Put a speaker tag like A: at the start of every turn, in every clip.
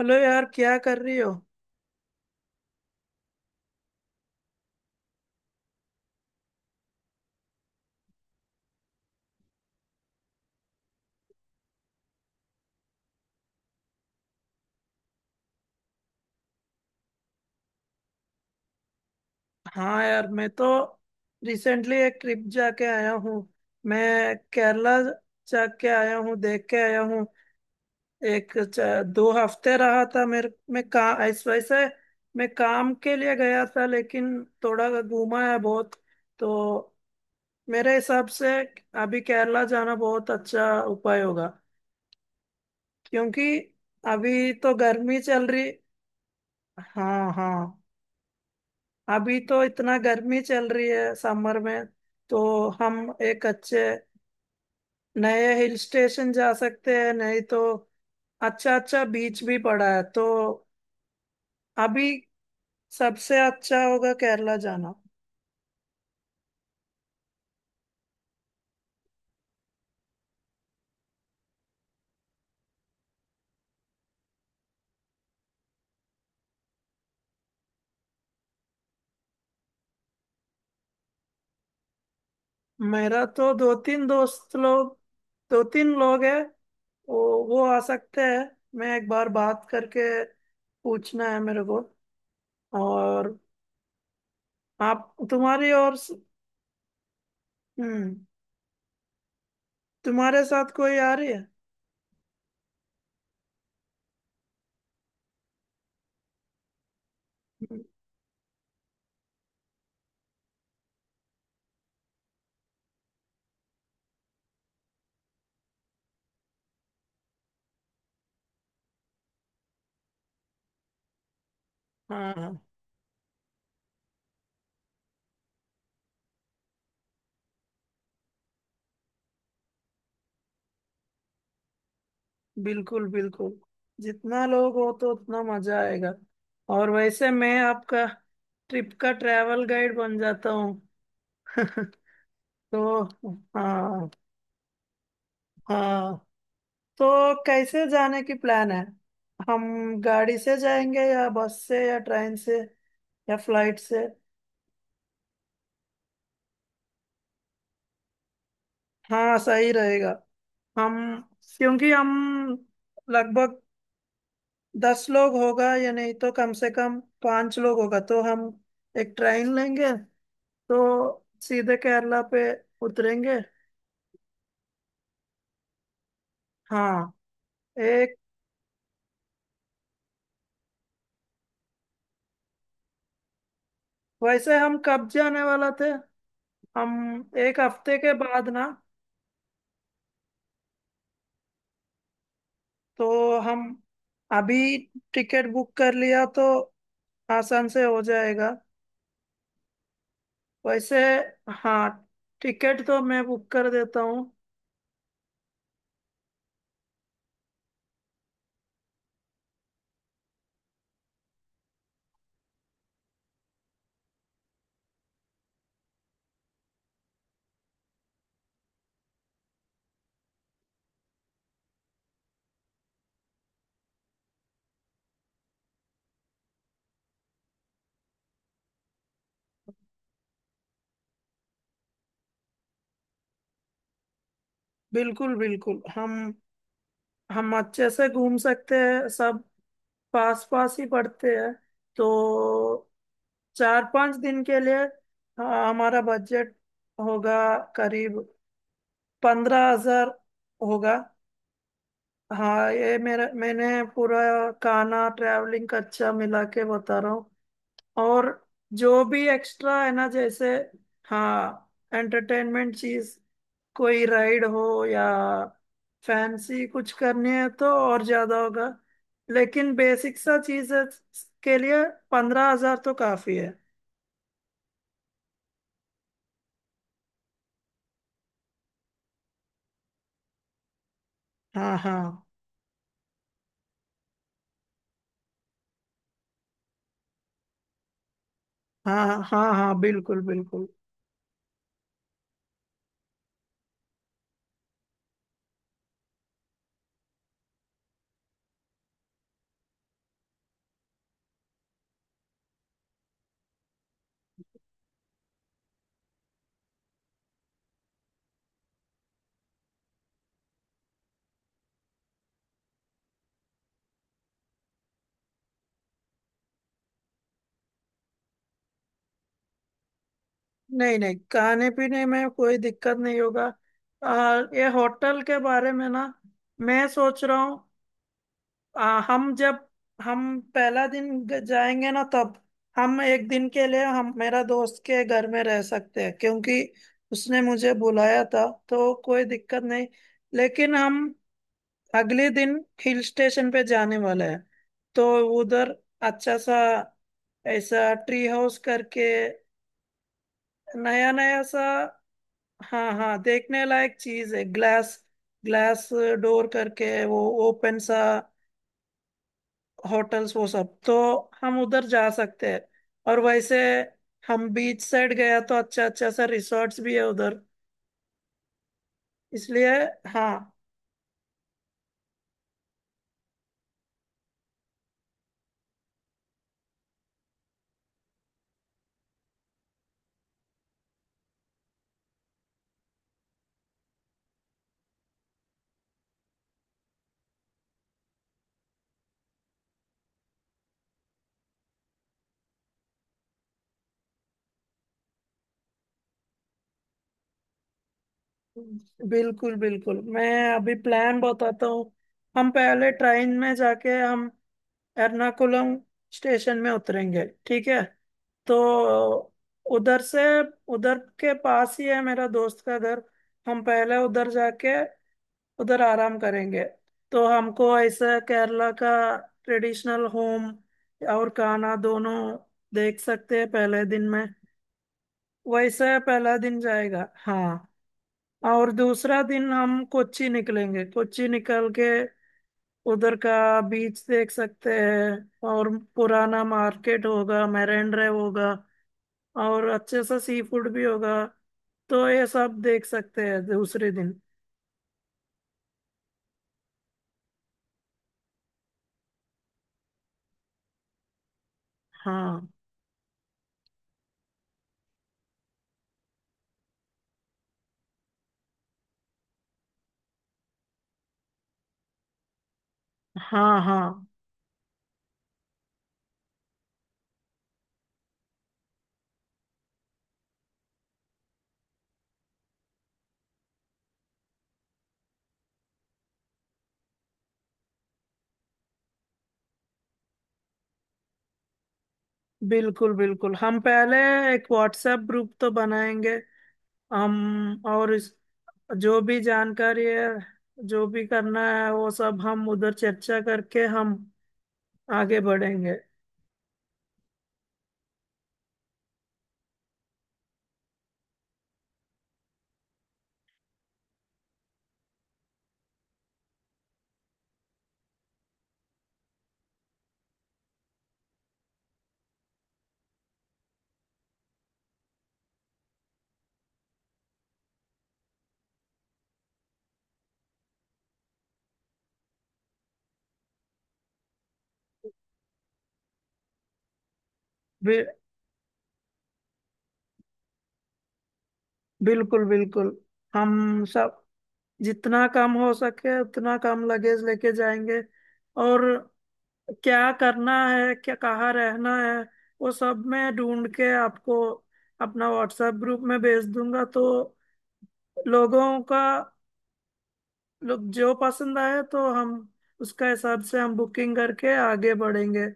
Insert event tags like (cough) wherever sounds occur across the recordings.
A: Hello यार, क्या कर रही हो? हाँ यार, मैं तो रिसेंटली एक ट्रिप जाके आया हूँ। मैं केरला जाके आया हूँ, देख के आया हूँ। 2 हफ्ते रहा था मेरे, मैं का इस वजह से मैं काम के लिए गया था, लेकिन थोड़ा घूमा है बहुत। तो मेरे हिसाब से अभी केरला जाना बहुत अच्छा उपाय होगा, क्योंकि अभी तो गर्मी चल रही। हाँ, हाँ। अभी तो इतना गर्मी चल रही है समर में, तो हम एक अच्छे नए हिल स्टेशन जा सकते हैं, नहीं तो अच्छा, अच्छा बीच भी पड़ा है, तो अभी सबसे अच्छा होगा केरला जाना। मेरा तो दो तीन लोग हैं। वो वो आ सकते हैं। मैं एक बार बात करके पूछना है मेरे को, और आप, तुम्हारी और। हम्म। तुम्हारे साथ कोई आ रही है? हम्म। हाँ, बिल्कुल बिल्कुल। जितना लोग हो तो उतना मजा आएगा। और वैसे मैं आपका ट्रिप का ट्रैवल गाइड बन जाता हूँ। (laughs) तो हाँ, हाँ। तो कैसे जाने की प्लान है? हम गाड़ी से जाएंगे या बस से या ट्रेन से या फ्लाइट से? हाँ, सही रहेगा। हम, क्योंकि हम लगभग 10 लोग होगा, या नहीं तो कम से कम पांच लोग होगा, तो हम एक ट्रेन लेंगे, तो सीधे केरला पे उतरेंगे। हाँ, एक। वैसे हम कब जाने वाला थे? हम एक हफ्ते के बाद ना। तो हम अभी टिकट बुक कर लिया तो आसान से हो जाएगा वैसे। हाँ, टिकट तो मैं बुक कर देता हूँ। बिल्कुल बिल्कुल, हम अच्छे से घूम सकते हैं सब। पास पास ही पड़ते हैं। तो 4-5 दिन के लिए, हाँ, हमारा बजट होगा करीब 15,000 होगा। हाँ, ये मेरा मैंने पूरा खाना ट्रैवलिंग खर्चा मिला के बता रहा हूँ। और जो भी एक्स्ट्रा है ना, जैसे, हाँ, एंटरटेनमेंट चीज, कोई राइड हो या फैंसी कुछ करनी है तो और ज्यादा होगा। लेकिन बेसिक सा चीज के लिए 15,000 तो काफी है। हाँ, हाँ, हाँ, हाँ, हाँ, हाँ, बिल्कुल बिल्कुल। नहीं नहीं, खाने पीने में कोई दिक्कत नहीं होगा। ये होटल के बारे में ना, मैं सोच रहा हूँ। हम जब हम पहला दिन जाएंगे ना, तब हम एक दिन के लिए हम मेरा दोस्त के घर में रह सकते हैं, क्योंकि उसने मुझे बुलाया था, तो कोई दिक्कत नहीं। लेकिन हम अगले दिन हिल स्टेशन पे जाने वाले हैं। तो उधर अच्छा सा, ऐसा ट्री हाउस करके, नया नया सा। हाँ हाँ, देखने लायक चीज है। ग्लास ग्लास डोर करके वो ओपन सा होटल्स, वो सब, तो हम उधर जा सकते हैं। और वैसे हम बीच साइड गया तो अच्छा अच्छा सा रिसोर्ट्स भी है उधर, इसलिए। हाँ बिल्कुल बिल्कुल, मैं अभी प्लान बताता हूँ। हम पहले ट्रेन में जाके हम एर्नाकुलम स्टेशन में उतरेंगे, ठीक है। तो उधर से, उधर के पास ही है मेरा दोस्त का घर। हम पहले उधर जाके उधर आराम करेंगे, तो हमको ऐसे केरला का ट्रेडिशनल होम और खाना दोनों देख सकते हैं पहले दिन में। वैसे पहला दिन जाएगा, हाँ। और दूसरा दिन हम कोच्चि निकलेंगे। कोच्चि निकल के उधर का बीच देख सकते हैं, और पुराना मार्केट होगा, मेरेंड्रे होगा, और अच्छे सा सी फूड भी होगा, तो ये सब देख सकते हैं दूसरे दिन। हाँ हाँ हाँ, बिल्कुल बिल्कुल। हम पहले एक व्हाट्सएप ग्रुप तो बनाएंगे, हम और इस, जो भी जानकारी है, जो भी करना है, वो सब हम उधर चर्चा करके हम आगे बढ़ेंगे। बि, बिल्कुल बिल्कुल, हम सब जितना कम हो सके उतना कम लगेज लेके जाएंगे। और क्या करना है, क्या कहाँ रहना है, वो सब मैं ढूंढ के आपको अपना व्हाट्सएप ग्रुप में भेज दूंगा, तो लोगों का लोग जो पसंद आए तो हम उसका हिसाब से हम बुकिंग करके आगे बढ़ेंगे।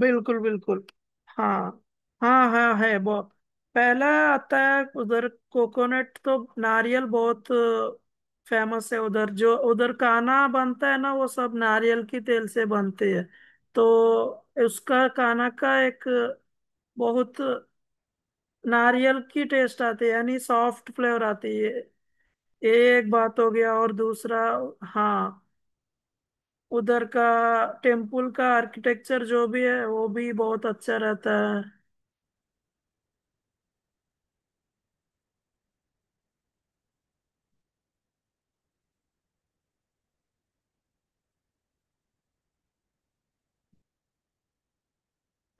A: बिल्कुल बिल्कुल। हाँ हाँ हाँ, है बहुत। पहला आता है उधर कोकोनट, तो नारियल बहुत फेमस है उधर। जो उधर काना बनता है ना, वो सब नारियल की तेल से बनते हैं, तो उसका काना का एक बहुत नारियल की टेस्ट आती है, यानी सॉफ्ट फ्लेवर आती है। ये एक बात हो गया, और दूसरा, हाँ, उधर का टेम्पल का आर्किटेक्चर जो भी है वो भी बहुत अच्छा रहता है।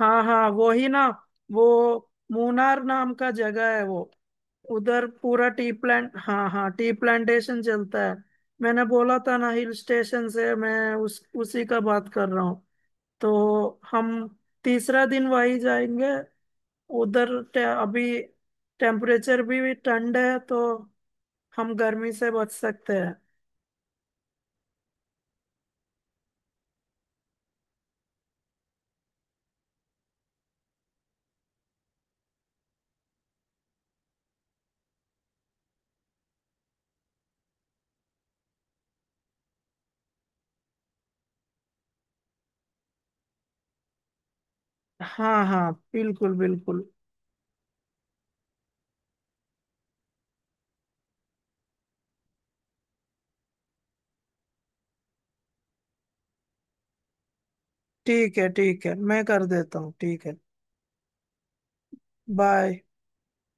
A: हाँ हाँ, वो ही ना। वो मूनार नाम का जगह है, वो उधर पूरा टी प्लांट, हाँ हाँ, टी प्लांटेशन चलता है। मैंने बोला था ना हिल स्टेशन से, मैं उस उसी का बात कर रहा हूँ। तो हम तीसरा दिन वही जाएंगे उधर। अभी टेम्परेचर भी ठंड है, तो हम गर्मी से बच सकते हैं। हाँ हाँ, बिल्कुल बिल्कुल। ठीक है ठीक है, मैं कर देता हूँ। ठीक है, बाय।